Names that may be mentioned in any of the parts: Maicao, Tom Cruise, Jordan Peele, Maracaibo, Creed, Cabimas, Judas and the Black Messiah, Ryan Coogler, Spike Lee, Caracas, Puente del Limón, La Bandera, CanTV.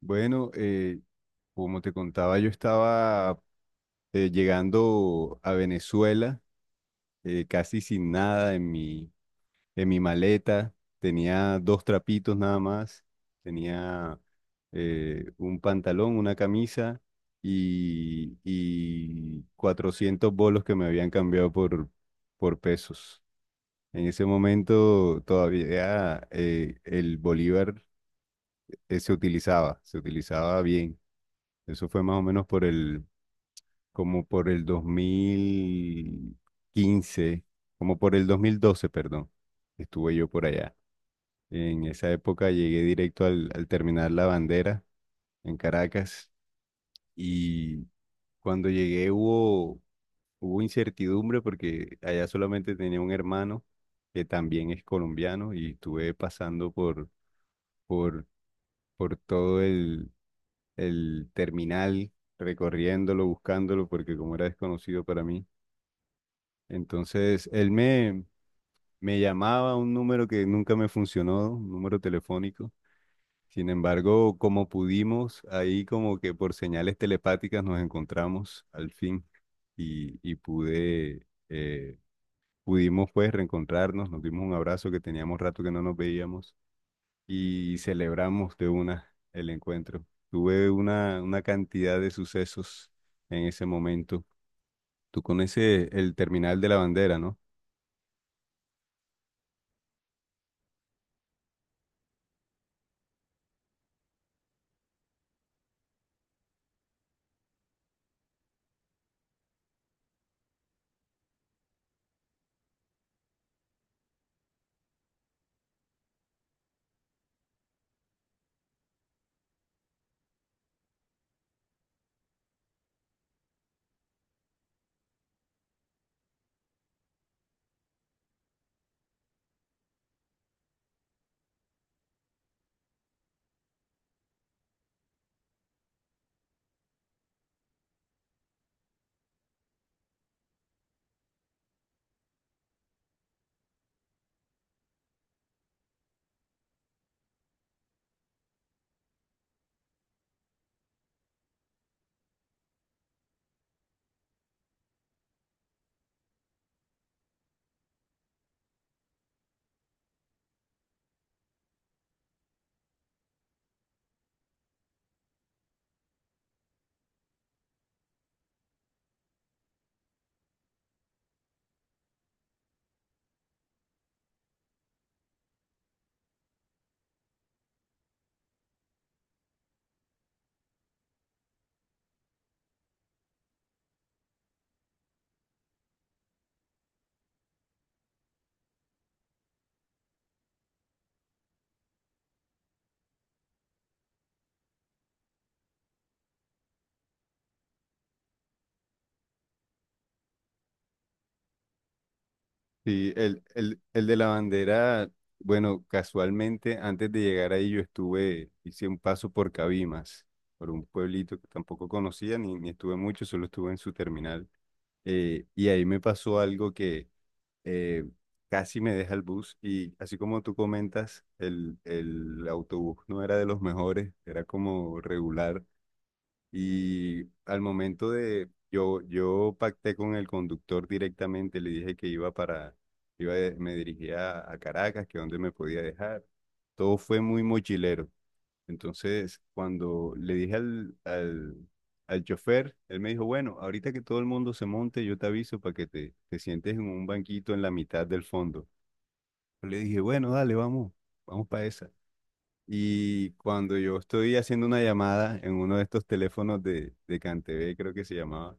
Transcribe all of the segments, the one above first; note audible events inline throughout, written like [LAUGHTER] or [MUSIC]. Bueno, como te contaba, yo estaba llegando a Venezuela, casi sin nada en mi maleta. Tenía dos trapitos nada más. Tenía un pantalón, una camisa y 400 bolos que me habían cambiado por pesos. En ese momento todavía el bolívar se utilizaba bien. Eso fue más o menos como por el 2015, como por el 2012, perdón. Estuve yo por allá. En esa época llegué directo al terminar La Bandera en Caracas y cuando llegué hubo incertidumbre, porque allá solamente tenía un hermano que también es colombiano y estuve pasando por, por todo el terminal, recorriéndolo, buscándolo, porque como era desconocido para mí. Entonces, él me llamaba a un número que nunca me funcionó, un número telefónico. Sin embargo, como pudimos, ahí como que por señales telepáticas nos encontramos al fin y pudimos pues reencontrarnos, nos dimos un abrazo que teníamos rato que no nos veíamos y celebramos de una el encuentro. Tuve una cantidad de sucesos en ese momento. Tú conoces el terminal de La Bandera, ¿no? Sí, el de La Bandera. Bueno, casualmente antes de llegar ahí hice un paso por Cabimas, por un pueblito que tampoco conocía ni estuve mucho, solo estuve en su terminal. Y ahí me pasó algo que, eh, casi me deja el bus. Y así como tú comentas, el autobús no era de los mejores, era como regular, y yo pacté con el conductor directamente, le dije que iba para, iba, de- me dirigía a Caracas, que donde me podía dejar. Todo fue muy mochilero. Entonces, cuando le dije al chofer, él me dijo, bueno, ahorita que todo el mundo se monte, yo te aviso para que te sientes en un banquito en la mitad del fondo. Yo le dije, bueno, dale, vamos, vamos para esa. Y cuando yo estoy haciendo una llamada en uno de estos teléfonos de CanTV, creo que se llamaba,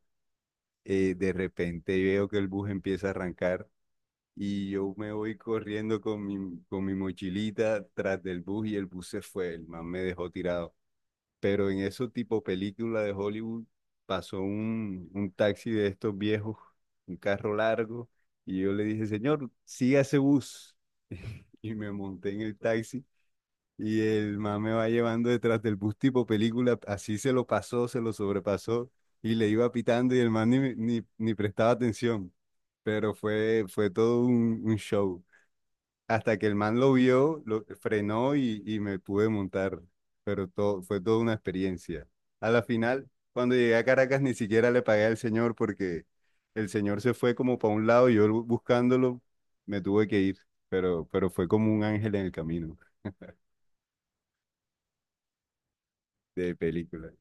de repente veo que el bus empieza a arrancar y yo me voy corriendo con mi mochilita tras del bus, y el bus se fue, el man me dejó tirado. Pero en eso, tipo película de Hollywood, pasó un taxi de estos viejos, un carro largo, y yo le dije, señor, siga ese bus. [LAUGHS] Y me monté en el taxi y el man me va llevando detrás del bus tipo película, así se lo pasó, se lo sobrepasó y le iba pitando, y el man ni prestaba atención, pero fue todo un show. Hasta que el man lo vio, lo frenó y me pude montar. Pero fue toda una experiencia. A la final, cuando llegué a Caracas, ni siquiera le pagué al señor, porque el señor se fue como para un lado y yo buscándolo, me tuve que ir. Pero fue como un ángel en el camino, de película.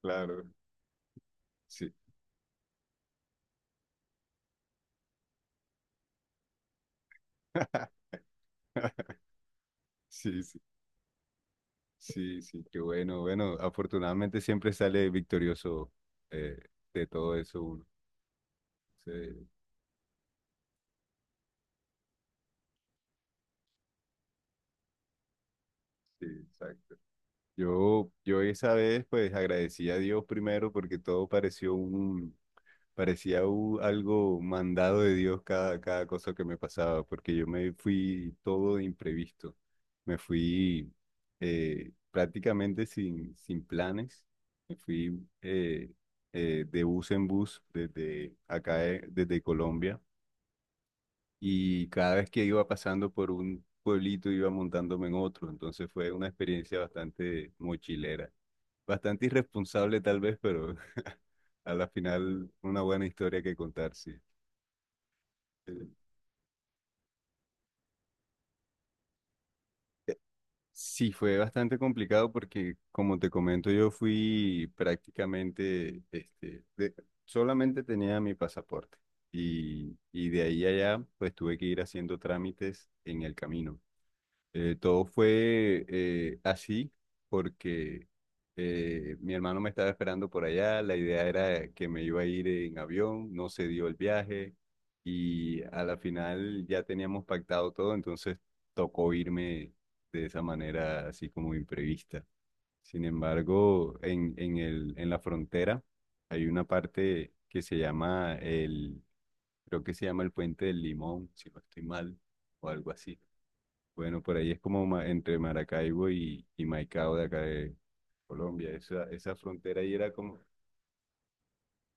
Claro, sí. [LAUGHS] Sí, sí, sí, sí, qué bueno. Bueno, afortunadamente siempre sale victorioso, eh, de todo eso, uno. Sí, sí, exacto. Yo esa vez pues agradecí a Dios primero, porque todo parecía algo mandado de Dios, cada cosa que me pasaba, porque yo me fui todo de imprevisto. Me fui, prácticamente sin planes. Me fui, de bus en bus desde acá, desde Colombia. Y cada vez que iba pasando por un pueblito, iba montándome en otro. Entonces fue una experiencia bastante mochilera. Bastante irresponsable tal vez, pero [LAUGHS] a la final, una buena historia que contar, sí. Eh, Sí, fue bastante complicado, porque, como te comento, yo fui prácticamente, solamente tenía mi pasaporte, y de ahí a allá, pues tuve que ir haciendo trámites en el camino. Todo fue, así, porque mi hermano me estaba esperando por allá, la idea era que me iba a ir en avión, no se dio el viaje y a la final ya teníamos pactado todo, entonces tocó irme de esa manera, así como imprevista. Sin embargo, en, en la frontera hay una parte que creo que se llama el Puente del Limón, si no estoy mal, o algo así. Bueno, por ahí es como entre Maracaibo y Maicao, de acá de Colombia. Esa frontera ahí era como,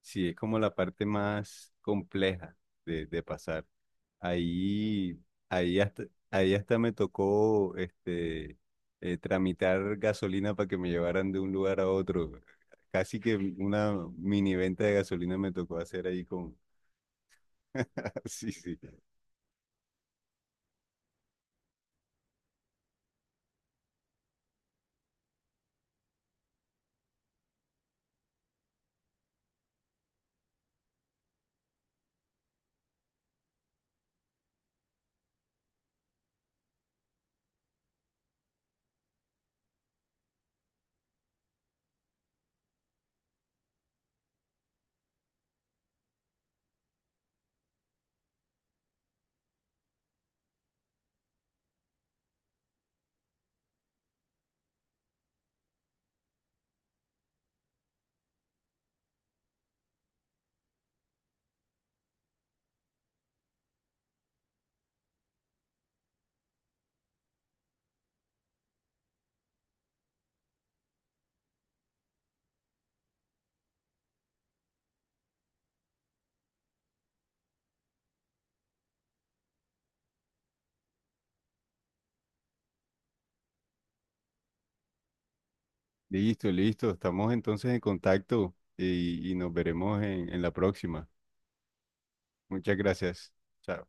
sí, es como la parte más compleja de pasar. Ahí, ahí hasta, ahí hasta me tocó, tramitar gasolina para que me llevaran de un lugar a otro. Casi que una mini venta de gasolina me tocó hacer ahí con. [LAUGHS] Sí, sí. Listo, listo. Estamos entonces en contacto y nos veremos en la próxima. Muchas gracias. Chao.